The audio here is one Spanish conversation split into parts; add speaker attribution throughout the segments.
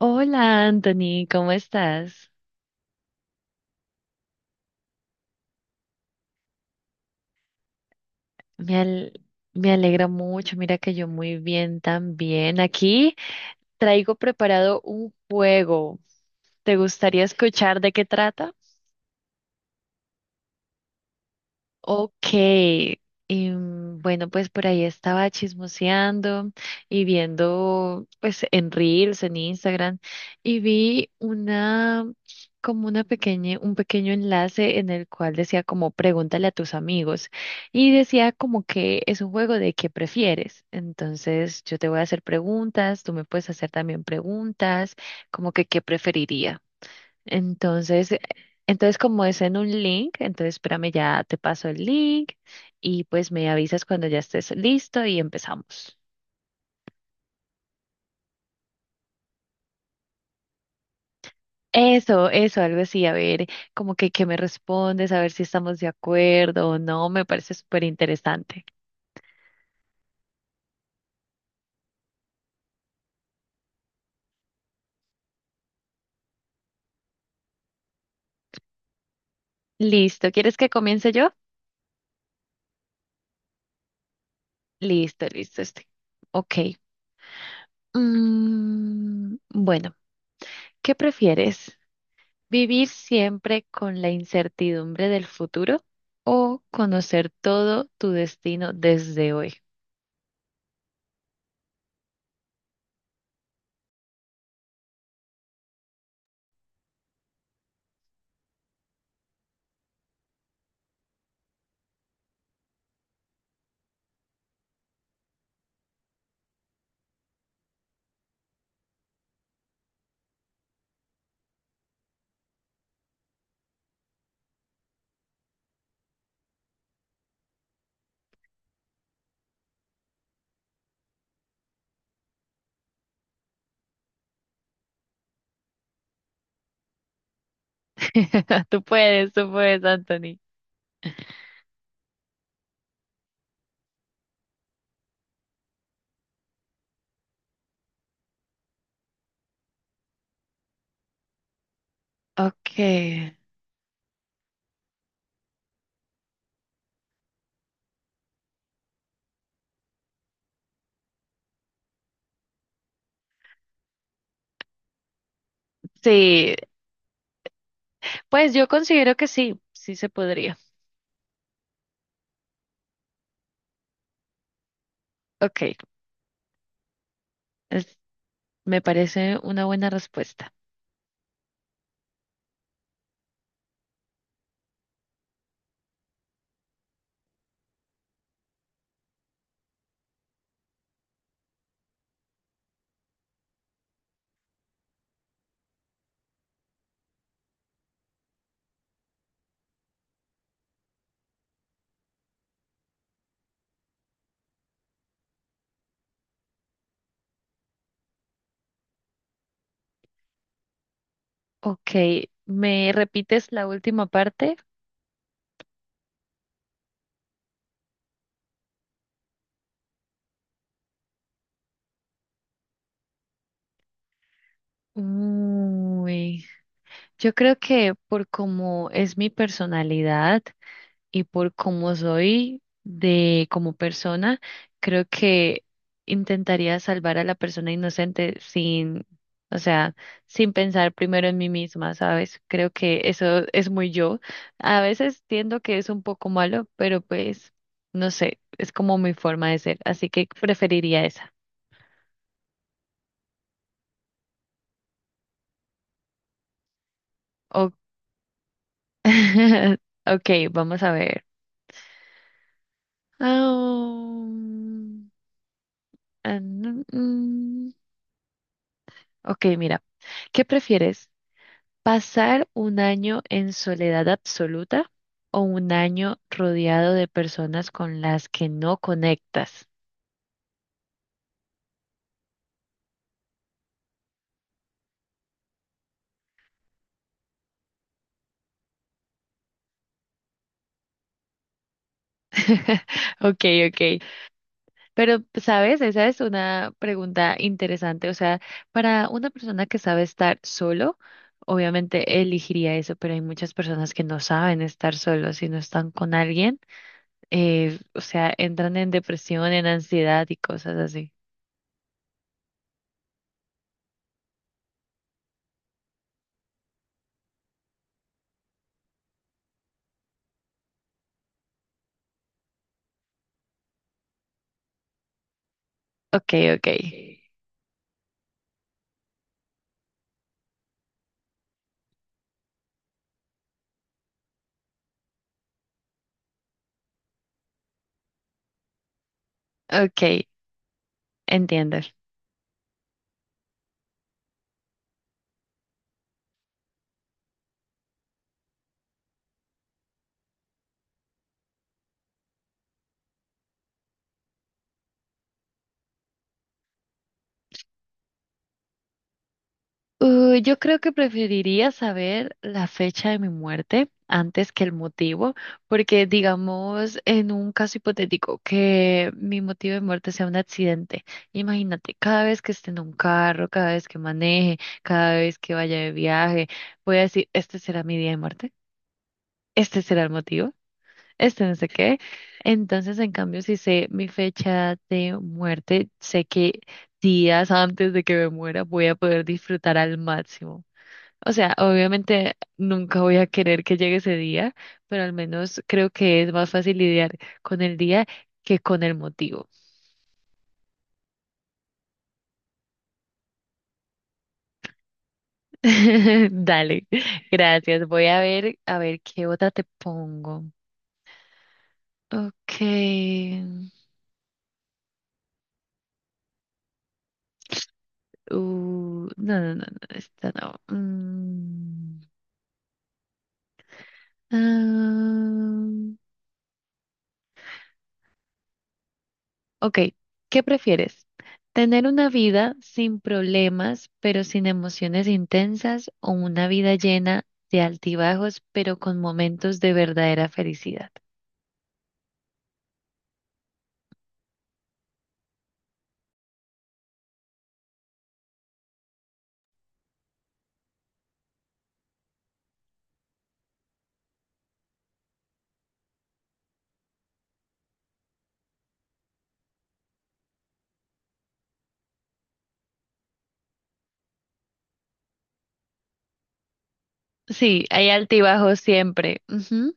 Speaker 1: Hola, Anthony, ¿cómo estás? Me, al- Me alegra mucho, mira que yo muy bien también. Aquí traigo preparado un juego. ¿Te gustaría escuchar de qué trata? Ok, bueno, pues por ahí estaba chismoseando y viendo pues en Reels, en Instagram, y vi una como una pequeña, un pequeño enlace en el cual decía como pregúntale a tus amigos y decía como que es un juego de qué prefieres. Entonces yo te voy a hacer preguntas, tú me puedes hacer también preguntas, como que qué preferiría. Entonces, eh, entonces como es en un link, entonces espérame, ya te paso el link y pues me avisas cuando ya estés listo y empezamos. Eso, algo así, a ver, como que me respondes, a ver si estamos de acuerdo o no, me parece súper interesante. Listo, ¿quieres que comience yo? Listo, listo, este. Ok. Mm, bueno, ¿qué prefieres? ¿Vivir siempre con la incertidumbre del futuro o conocer todo tu destino desde hoy? Tú puedes, Anthony. Ok. Sí, pues yo considero que sí, sí se podría. Ok, es- me parece una buena respuesta. Ok, ¿me repites la última parte? Uy, yo creo que por cómo es mi personalidad y por cómo soy de como persona, creo que intentaría salvar a la persona inocente sin, o sea, sin pensar primero en mí misma, ¿sabes? Creo que eso es muy yo. A veces tiendo que es un poco malo, pero pues no sé, es como mi forma de ser, así que preferiría esa. O ok, vamos a ver. Ah, ah, mm, mm. ok, mira. ¿Qué prefieres? ¿Pasar un año en soledad absoluta o un año rodeado de personas con las que no conectas? Ok, ok. Pero, ¿sabes? Esa es una pregunta interesante. O sea, para una persona que sabe estar solo, obviamente elegiría eso, pero hay muchas personas que no saben estar solos y no están con alguien. O sea, entran en depresión, en ansiedad y cosas así. Ok, ok. Ok, entiendo. Yo creo que preferiría saber la fecha de mi muerte antes que el motivo, porque digamos en un caso hipotético que mi motivo de muerte sea un accidente. Imagínate, cada vez que esté en un carro, cada vez que maneje, cada vez que vaya de viaje, voy a decir, este será mi día de muerte, este será el motivo, este no sé qué. Entonces, en cambio, si sé mi fecha de muerte, sé que días antes de que me muera voy a poder disfrutar al máximo. O sea, obviamente nunca voy a querer que llegue ese día, pero al menos creo que es más fácil lidiar con el día que con el motivo. Dale, gracias. Voy a ver qué otra te pongo. Okay. No, no, no, no, esta no. Mm. ah. Ok, ¿qué prefieres? ¿Tener una vida sin problemas pero sin emociones intensas o una vida llena de altibajos pero con momentos de verdadera felicidad? Sí, hay altibajos siempre. Ujú.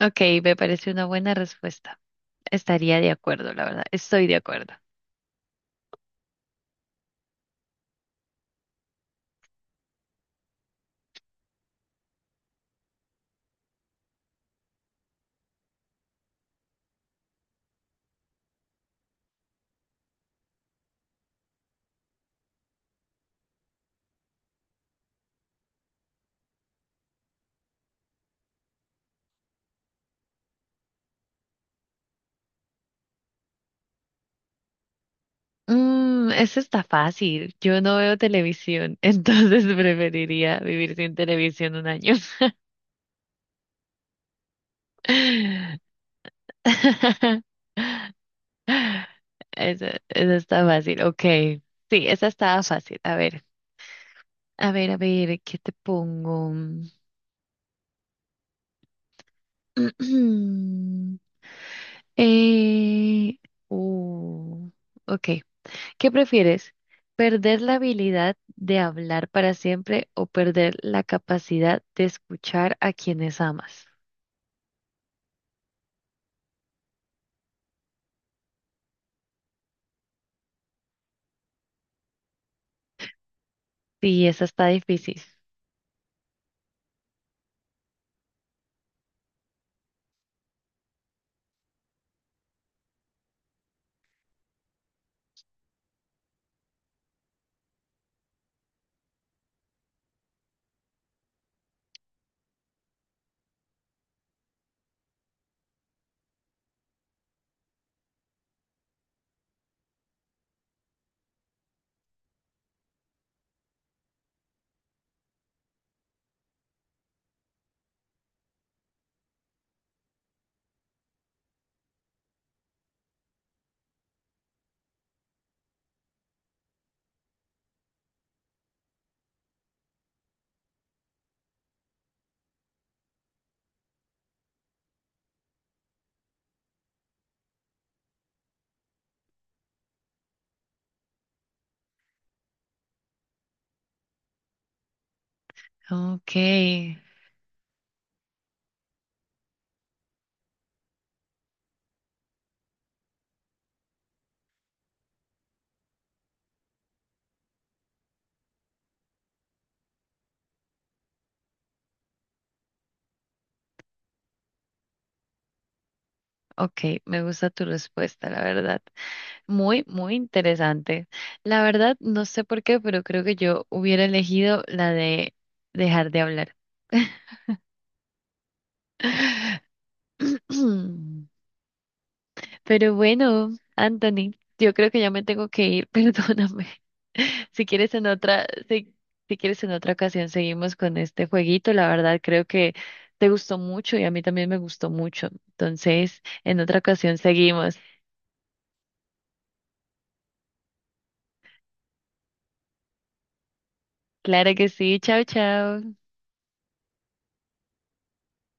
Speaker 1: Ok, me parece una buena respuesta. Estaría de acuerdo, la verdad. Estoy de acuerdo. Mm, eso está fácil. Yo no veo televisión, entonces preferiría vivir sin televisión un año. Esa está fácil, ok. Sí, esa estaba fácil. A ver, a ver, a ver, ¿qué te pongo? Eh, uh, ok. ¿Qué prefieres? ¿Perder la habilidad de hablar para siempre o perder la capacidad de escuchar a quienes amas? Sí, esa está difícil. Ok, ok, me gusta tu respuesta, la verdad. Muy, muy interesante. La verdad, no sé por qué, pero creo que yo hubiera elegido la de dejar de hablar. Pero bueno, Anthony, yo creo que ya me tengo que ir, perdóname. Si quieres en otra, si, si quieres en otra ocasión seguimos con este jueguito. La verdad, creo que te gustó mucho y a mí también me gustó mucho. Entonces, en otra ocasión seguimos. Claro que sí. Chao, chao.